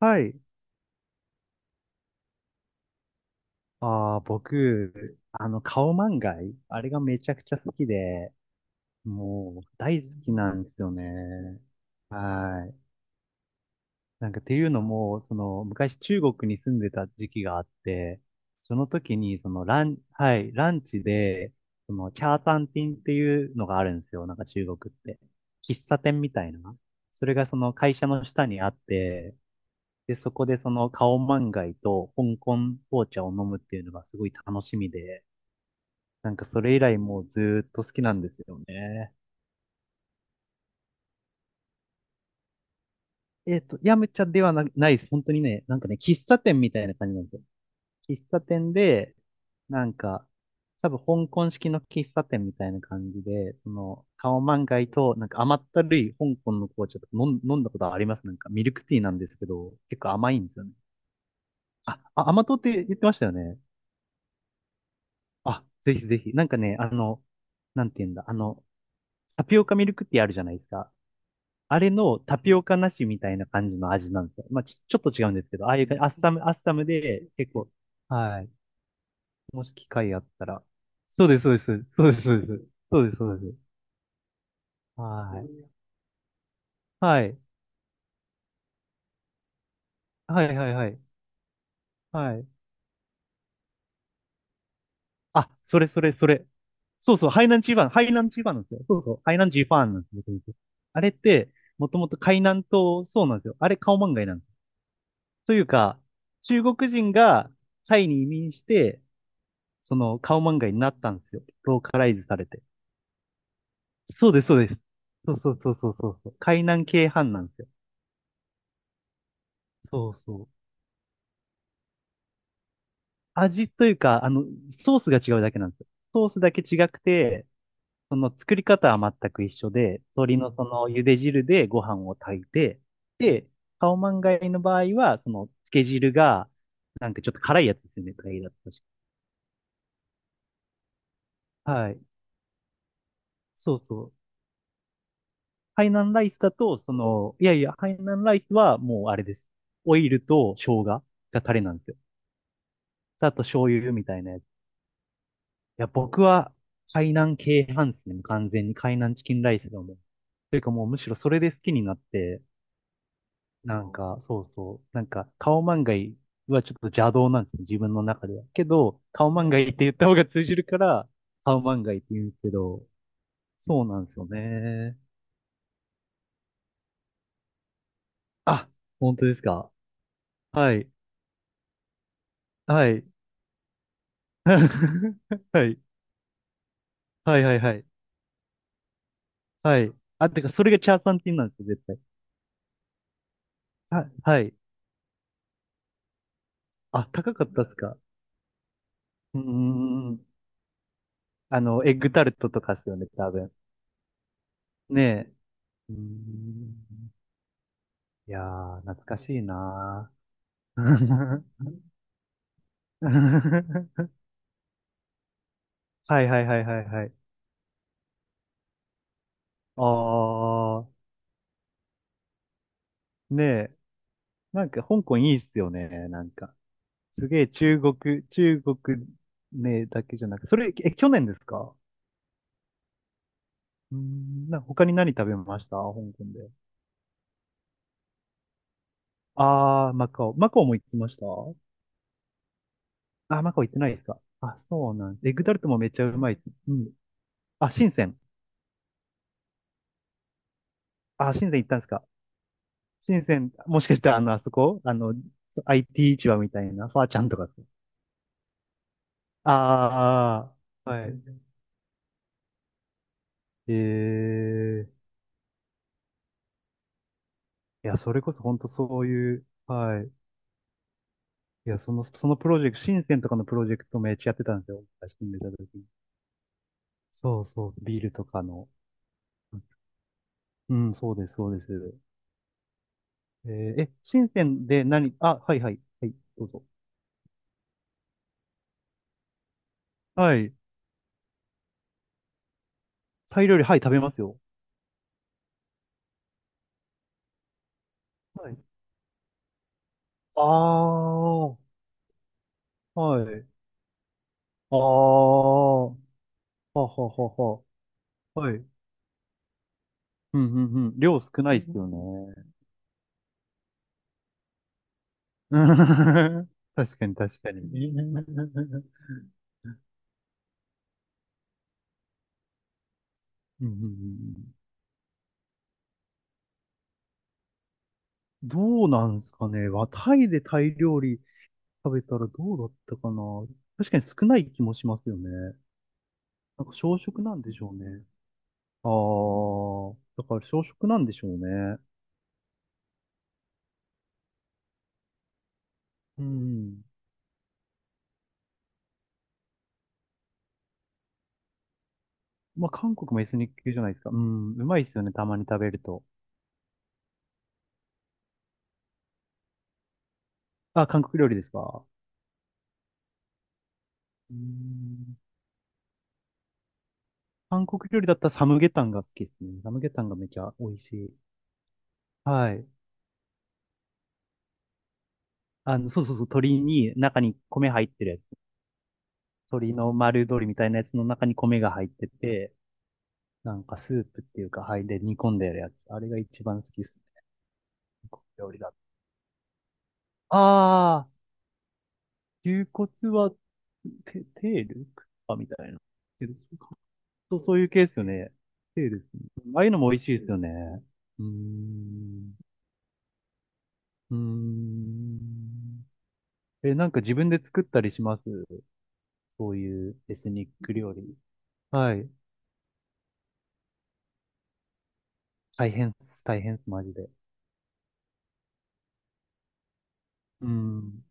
はい。ああ、僕、カオマンガイ、あれがめちゃくちゃ好きで、もう大好きなんですよね。はい。なんかっていうのも、その、昔中国に住んでた時期があって、その時に、その、はい、ランチで、その、チャータンティンっていうのがあるんですよ。なんか中国って。喫茶店みたいな。それがその会社の下にあって、で、そこでそのカオマンガイと香港紅茶を飲むっていうのがすごい楽しみで、なんかそれ以来もうずーっと好きなんですよね。ヤムチャではないです。本当にね、なんかね、喫茶店みたいな感じなんですよ。喫茶店で、なんか、多分香港式の喫茶店みたいな感じで、その、カオマンガイと、なんか甘ったるい香港の紅茶とか飲んだことありますなんかミルクティーなんですけど、結構甘いんですよね。甘党って言ってましたよね。あ、ぜひぜひ。なんかね、なんて言うんだ、タピオカミルクティーあるじゃないですか。あれのタピオカなしみたいな感じの味なんですよ。まあ、ちょっと違うんですけど、ああいう感じ、アッサム、アッサムで、結構、はい。もし機会あったら。そうです、そうです。そうです、そうです。そうです、そうです。はい。はい。はい、はい、はい。はい。あ、それ、それ、それ。そうそう、ハイナンチーファン、ハイナンチーファンなんですよ。そうそう、ハイナンチーファンなんですよ。僕あれって、もともと海南島、そうなんですよ。あれ、カオマンガイなんです。というか、中国人がタイに移民して、その顔漫画になったんですよ。ローカライズされて。そうです、そうです。そうそうそうそうそうそう。海南系飯なんですよ。そうそう。味というか、あの、ソースが違うだけなんですよ。ソースだけ違くて、その作り方は全く一緒で、鶏のその茹で汁でご飯を炊いて、で、カオマンガイの場合は、その漬け汁が、なんかちょっと辛いやつですよね、タイだったし。はい。そうそう。ハイナンライスだと、その、いやいや、ハイナンライスはもうあれです。オイルと生姜がタレなんですよ。あと醤油みたいなやつ。いや、僕は、海南系派ですね。もう完全に海南チキンライスだもん。というかもうむしろそれで好きになって、なんか、そうそう、なんか、カオマンガイはちょっと邪道なんですね、自分の中では。けど、カオマンガイって言った方が通じるから、カオマンガイって言うんですけど、そうなんですよね。あ、本当ですか。はい。はい。はい。はいはいはい。はい。あ、てか、それがチャーサンティンなんですよ、絶対。はい。あ、高かったっすか？うーん。あの、エッグタルトとかっすよね、多分。ねえ。うーん。いやー、懐かしいなー。はいはいはいはいはい。あー、ねえ。なんか、香港いいっすよね、なんか。すげえ中国、中国ねだけじゃなく、それ、え、去年ですか？うん、なんか他に何食べました香港で。あー、マカオ。マカオも行きました？あー、マカオ行ってないですか？あ、そうなんです。エッグタルトもめっちゃうまいです。うん。あ、深セン。あ、深セン行ったんですか？深セン、もしかしてあの、あそこあの、IT 市場みたいな、ファーちゃんとか。ああ、はい。ええ、いや、それこそ本当そういう、はい。いや、その、そのプロジェクト、深センとかのプロジェクトめっちゃやってたんですよ。私住んた時に。そうそう、ビールとかの。うん、そうです、そうです。えーえ、深センで何、あ、はいはい、はい、どうぞ。はい。タイ料理、はい、食べますよ。はい。ああ、はい。ああ、はははは。はい。うんうんうん。量少ないですよね。うん。 確かに、確かに。うんうんうんうん。どうなんですかね。わタイでタイ料理食べたらどうだったかな。確かに少ない気もしますよね。なんか小食なんでしょうね。ああ、だから小食なんでしょうね。うん。まあ、韓国もエスニック系じゃないですか。うん。うまいですよね、たまに食べると。あ、韓国料理ですか？うん。韓国料理だったらサムゲタンが好きですね。サムゲタンがめちゃ美味しい。はい。あの、そうそうそう、鶏に中に米入ってるやつ。鶏の丸鶏みたいなやつの中に米が入ってて、なんかスープっていうか、はい、で煮込んでやるやつ。あれが一番好きですね。韓国料理だと。ああ。牛骨は、テール、あ、みたいな。テールそうか、そう、そういう系ですよね。テールですね。ああいうのも美味しいですよね。うーん。うーん。え、なんか自分で作ったりします？そういうエスニック料理。はい。大変っす、大変っす、マジで。うん。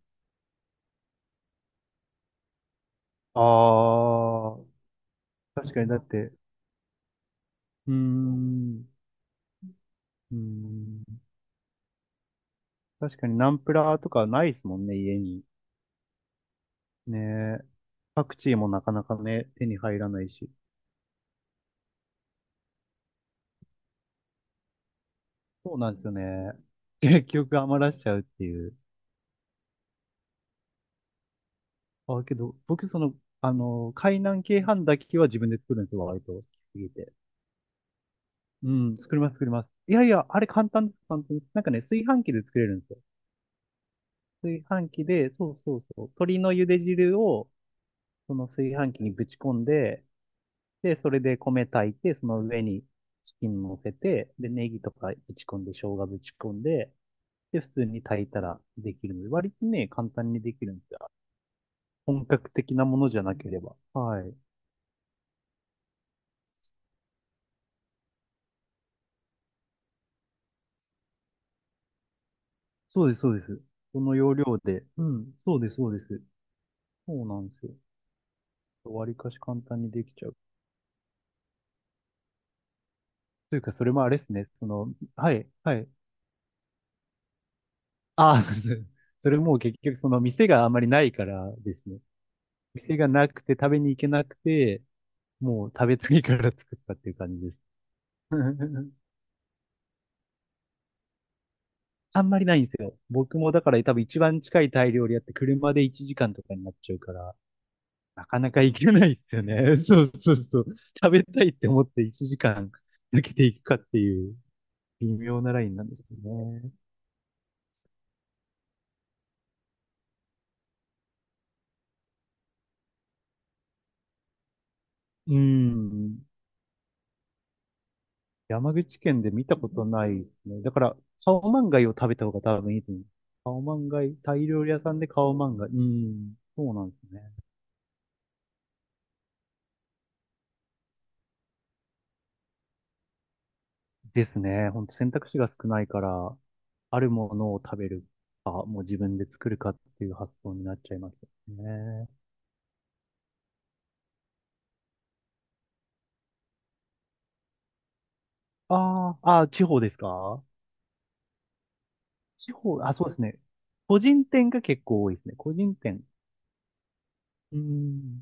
ああ、確かにだって、うーん、うーん、確かにナンプラーとかないですもんね、家に。ねえ。パクチーもなかなかね、手に入らないし。そうなんですよね。結局余らしちゃうっていう。あ、けど、僕その、あの、海南鶏飯だけは自分で作るんですよ、割と。好きすぎて。うん、作ります、作ります。いやいや、あれ簡単です、簡単です。なんかね、炊飯器で作れるんですよ。炊飯器で、そうそうそう。鶏の茹で汁を、その炊飯器にぶち込んで、で、それで米炊いて、その上にチキン乗せて、で、ネギとかぶち込んで、生姜ぶち込んで、で、普通に炊いたらできるので、割とね、簡単にできるんですよ。本格的なものじゃなければ。はい。そうです、そうです。この要領で。うん、そうです、そうです。そうなんですよ。割かし簡単にできちゃう。というか、それもあれですね。その、はい、はい。ああ、そうです。それも結局、その店があまりないからですね。店がなくて食べに行けなくて、もう食べたいから作ったっていう感じです。あんまりないんですよ。僕もだから多分一番近いタイ料理やって車で1時間とかになっちゃうから、なかなか行けないですよね。そうそうそう。食べたいって思って1時間抜けていくかっていう微妙なラインなんですよね。うん。山口県で見たことないですね。だから、カオマンガイを食べた方が多分いいと思う。カオマンガイ、タイ料理屋さんでカオマンガイ。うん。そうなんですね。ですね。ほんと選択肢が少ないから、あるものを食べるか、もう自分で作るかっていう発想になっちゃいますね。ああ、ああ、地方ですか？地方、あ、そうですね。個人店が結構多いですね。個人店。うーん。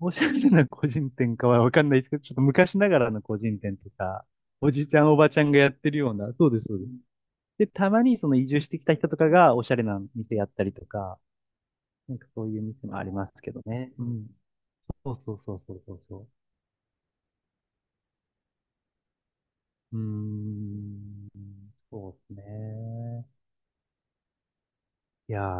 おしゃれな個人店かはわかんないですけど、ちょっと昔ながらの個人店とか、おじいちゃんおばちゃんがやってるような、そうです、そうです。で、たまにその移住してきた人とかがおしゃれな店やったりとか、なんかそういう店もありますけどね。うん。そうそうそうそうそうそう。うーん、そうですね。いやー